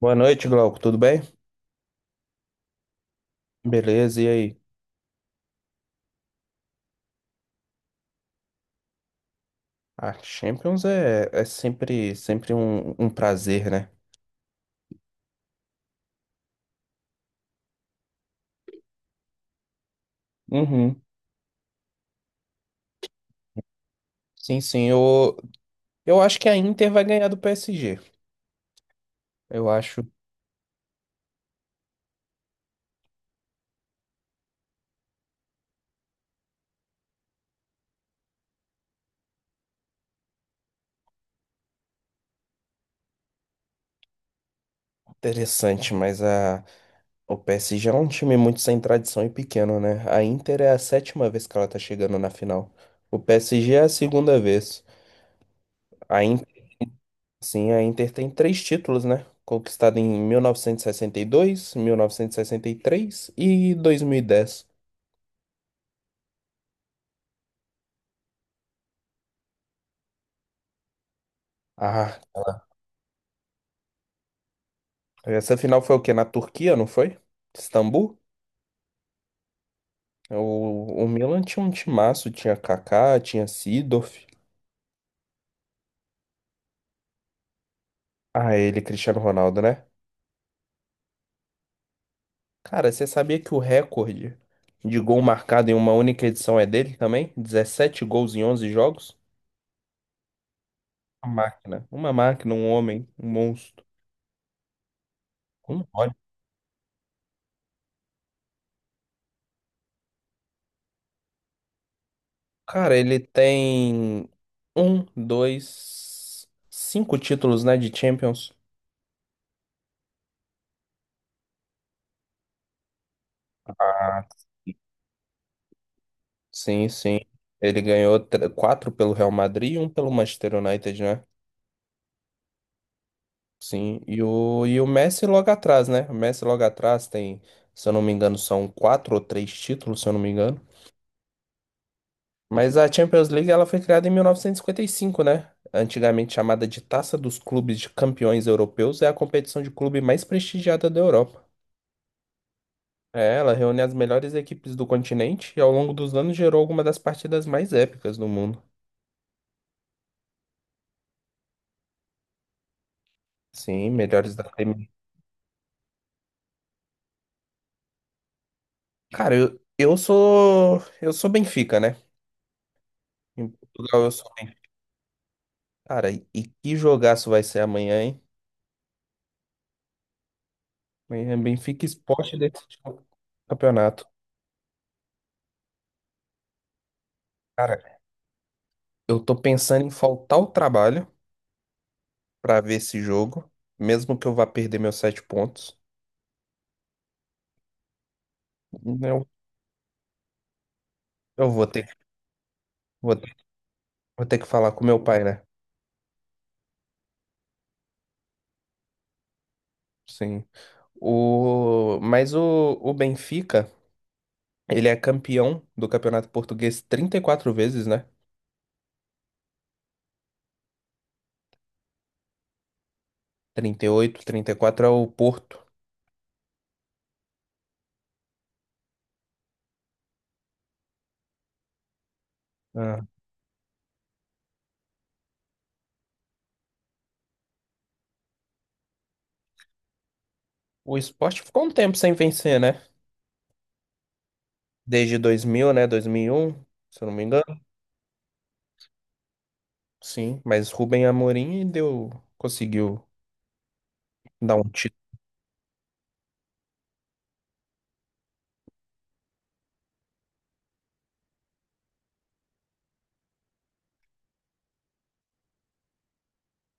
Boa noite, Glauco. Tudo bem? Beleza, e aí? A Champions é sempre um prazer, né? Uhum. Sim, sim. Eu acho que a Inter vai ganhar do PSG. Eu acho interessante, mas o PSG é um time muito sem tradição e pequeno, né? A Inter é a sétima vez que ela tá chegando na final. O PSG é a segunda vez. A Inter, sim, a Inter tem três títulos, né? Conquistado em mil novecentos e sessenta e sessenta e três e dois mil novecentos três dez. Ah, essa final foi o quê? Na Turquia, não foi? Istambul? O Milan tinha um timaço, tinha Kaká, tinha Seedorf. Ah, ele, Cristiano Ronaldo, né? Cara, você sabia que o recorde de gol marcado em uma única edição é dele também? 17 gols em 11 jogos? Uma máquina. Uma máquina, um homem, um monstro. Como pode? Cara, ele tem um, dois, cinco títulos, né, de Champions. Sim, sim. Ele ganhou quatro pelo Real Madrid e um pelo Manchester United, né? Sim. E o Messi logo atrás, né? O Messi logo atrás tem, se eu não me engano, são quatro ou três títulos, se eu não me engano. Mas a Champions League ela foi criada em 1955, né? Antigamente chamada de Taça dos Clubes de Campeões Europeus, é a competição de clube mais prestigiada da Europa. É, ela reúne as melhores equipes do continente e ao longo dos anos gerou algumas das partidas mais épicas do mundo. Sim, melhores da. Cara, eu sou. Eu sou Benfica, né? Em Portugal eu sou Benfica. Cara, e que jogaço vai ser amanhã, hein? Amanhã é Benfica Sport desse campeonato. Cara, eu tô pensando em faltar o trabalho pra ver esse jogo, mesmo que eu vá perder meus sete pontos. Eu, eu vou ter, vou ter que falar com meu pai, né? Sim. Mas o Benfica, ele é campeão do Campeonato Português 34 vezes, né? Trinta e oito, 34 é o Porto. O esporte ficou um tempo sem vencer, né? Desde 2000, né? 2001, se eu não me engano. Sim, mas Rubem Amorim deu, conseguiu dar um título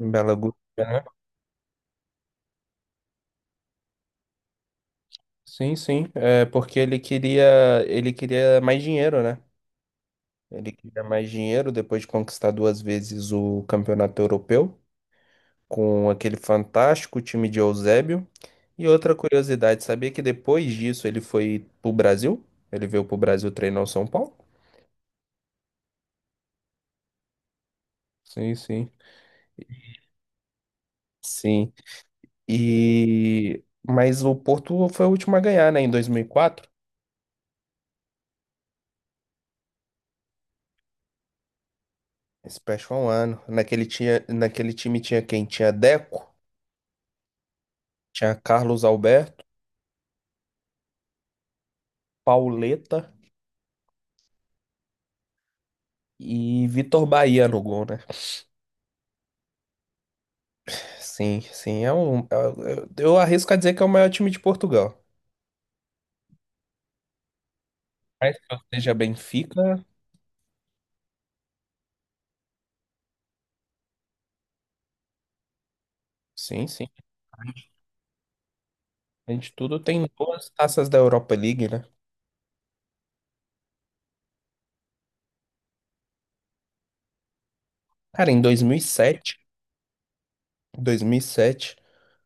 em Belo Horizonte, né? Sim, sim, é porque ele queria mais dinheiro, né? Ele queria mais dinheiro depois de conquistar duas vezes o campeonato europeu com aquele fantástico time de Eusébio. E outra curiosidade, sabia que depois disso ele foi pro Brasil? Ele veio pro Brasil treinar o São Paulo? Sim, sim. Sim. E mas o Porto foi o último a ganhar, né, em 2004. Esse peste foi um ano. Naquele tinha, naquele time tinha quem? Tinha Deco, tinha Carlos Alberto, Pauleta e Vitor Bahia no gol, né? Sim, sim, é um eu arrisco a dizer que é o maior time de Portugal. Mas que eu seja Benfica, sim, sim. Além de tudo, tem duas taças da Europa League, né? Cara, em 2007,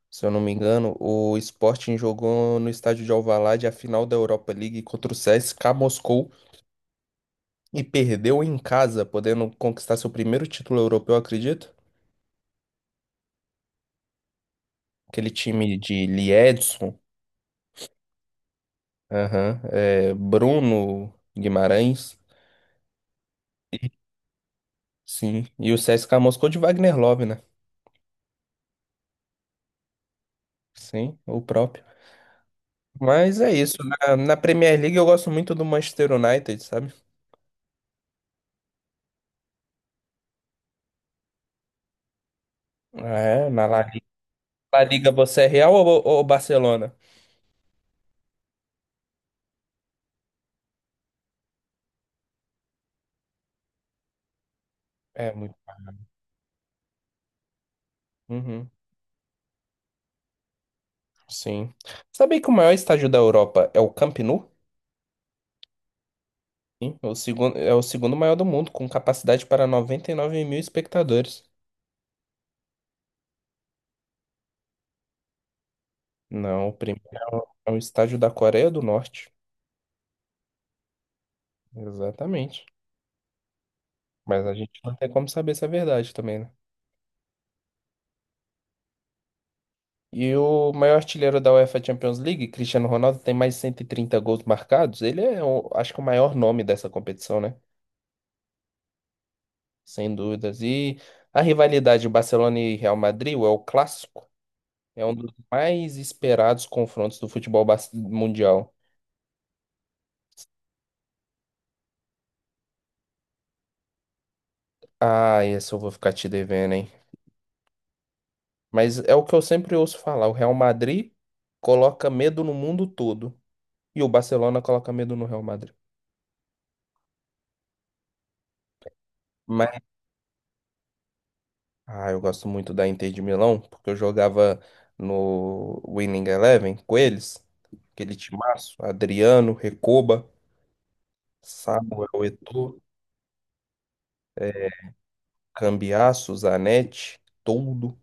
se eu não me engano, o Sporting jogou no estádio de Alvalade a final da Europa League contra o CSKA Moscou e perdeu em casa, podendo conquistar seu primeiro título europeu, acredito. Aquele time de Liedson, aham, é, Bruno Guimarães, sim, e o CSKA Moscou de Wagner Love, né? Sim, o próprio. Mas é isso, na Premier League eu gosto muito do Manchester United, sabe? É, na La Liga, La Liga você é Real ou Barcelona? É muito. Uhum. Sim. Sabia que o maior estádio da Europa é o Camp Nou? Sim, é o segundo maior do mundo, com capacidade para 99 mil espectadores. Não, o primeiro é é o estádio da Coreia do Norte. Exatamente. Mas a gente não tem como saber se é verdade também, né? E o maior artilheiro da UEFA Champions League, Cristiano Ronaldo, tem mais de 130 gols marcados. Ele é, acho que, o maior nome dessa competição, né? Sem dúvidas. E a rivalidade Barcelona e Real Madrid é o clássico. É um dos mais esperados confrontos do futebol mundial. Ah, esse eu vou ficar te devendo, hein? Mas é o que eu sempre ouço falar: o Real Madrid coloca medo no mundo todo. E o Barcelona coloca medo no Real Madrid. Mas, ah, eu gosto muito da Inter de Milão, porque eu jogava no Winning Eleven com eles. Aquele timaço: Adriano, Recoba, Samuel Eto'o, é, Cambiasso, Zanetti, todo.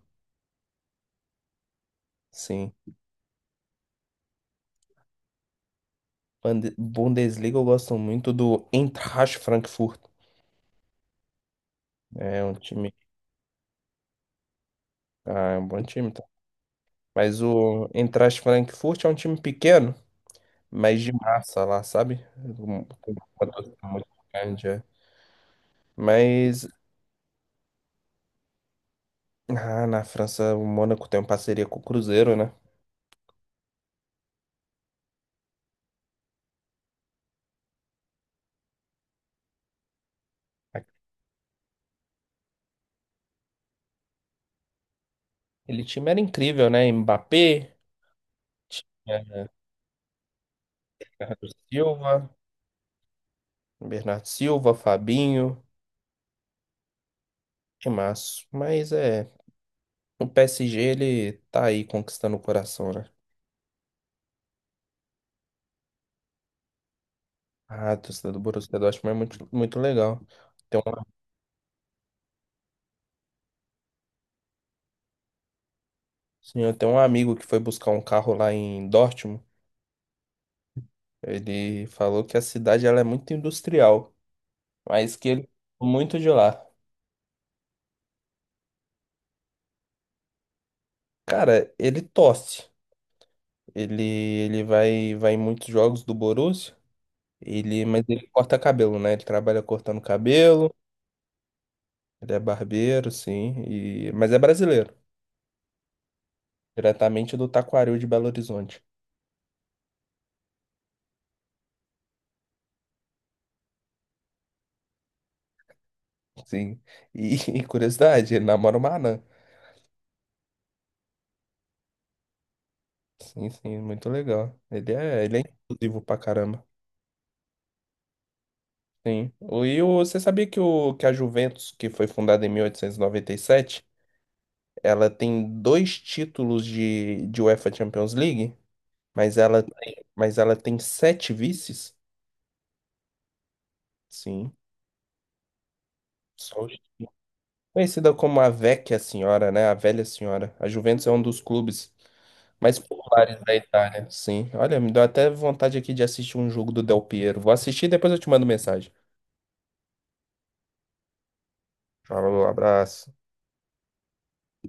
Sim. Bundesliga eu gosto muito do Eintracht Frankfurt. É um time, é um bom time, tá? Mas o Eintracht Frankfurt é um time pequeno, mas de massa lá, sabe? Com uma torcida muito grande, é. Mas na França o Mônaco tem uma parceria com o Cruzeiro, né? Aquele time era incrível, né? Mbappé, tinha Bernardo Silva, Bernardo Silva, Fabinho, que mas é, o PSG ele tá aí conquistando o coração, né? Ah, torcida do Borussia Dortmund é muito, muito legal. Tem um, sim, eu tenho um amigo que foi buscar um carro lá em Dortmund. Ele falou que a cidade ela é muito industrial, mas que ele gosta muito de lá. Cara, ele torce. Ele vai em muitos jogos do Borussia. Mas ele corta cabelo, né? Ele trabalha cortando cabelo. Ele é barbeiro, sim. Mas é brasileiro, diretamente do Taquaril de Belo Horizonte. Sim. E, e curiosidade, ele namora uma anã. Sim, sim, muito legal. Ele é inclusivo pra caramba. Sim. Você sabia que a Juventus, que foi fundada em 1897, ela tem dois títulos de UEFA Champions League, mas ela tem sete vices? Sim. Só os- Conhecida como a Vecchia Senhora, né? A Velha Senhora. A Juventus é um dos clubes mais populares da Itália, sim. Olha, me deu até vontade aqui de assistir um jogo do Del Piero. Vou assistir e depois eu te mando mensagem. Falou, abraço.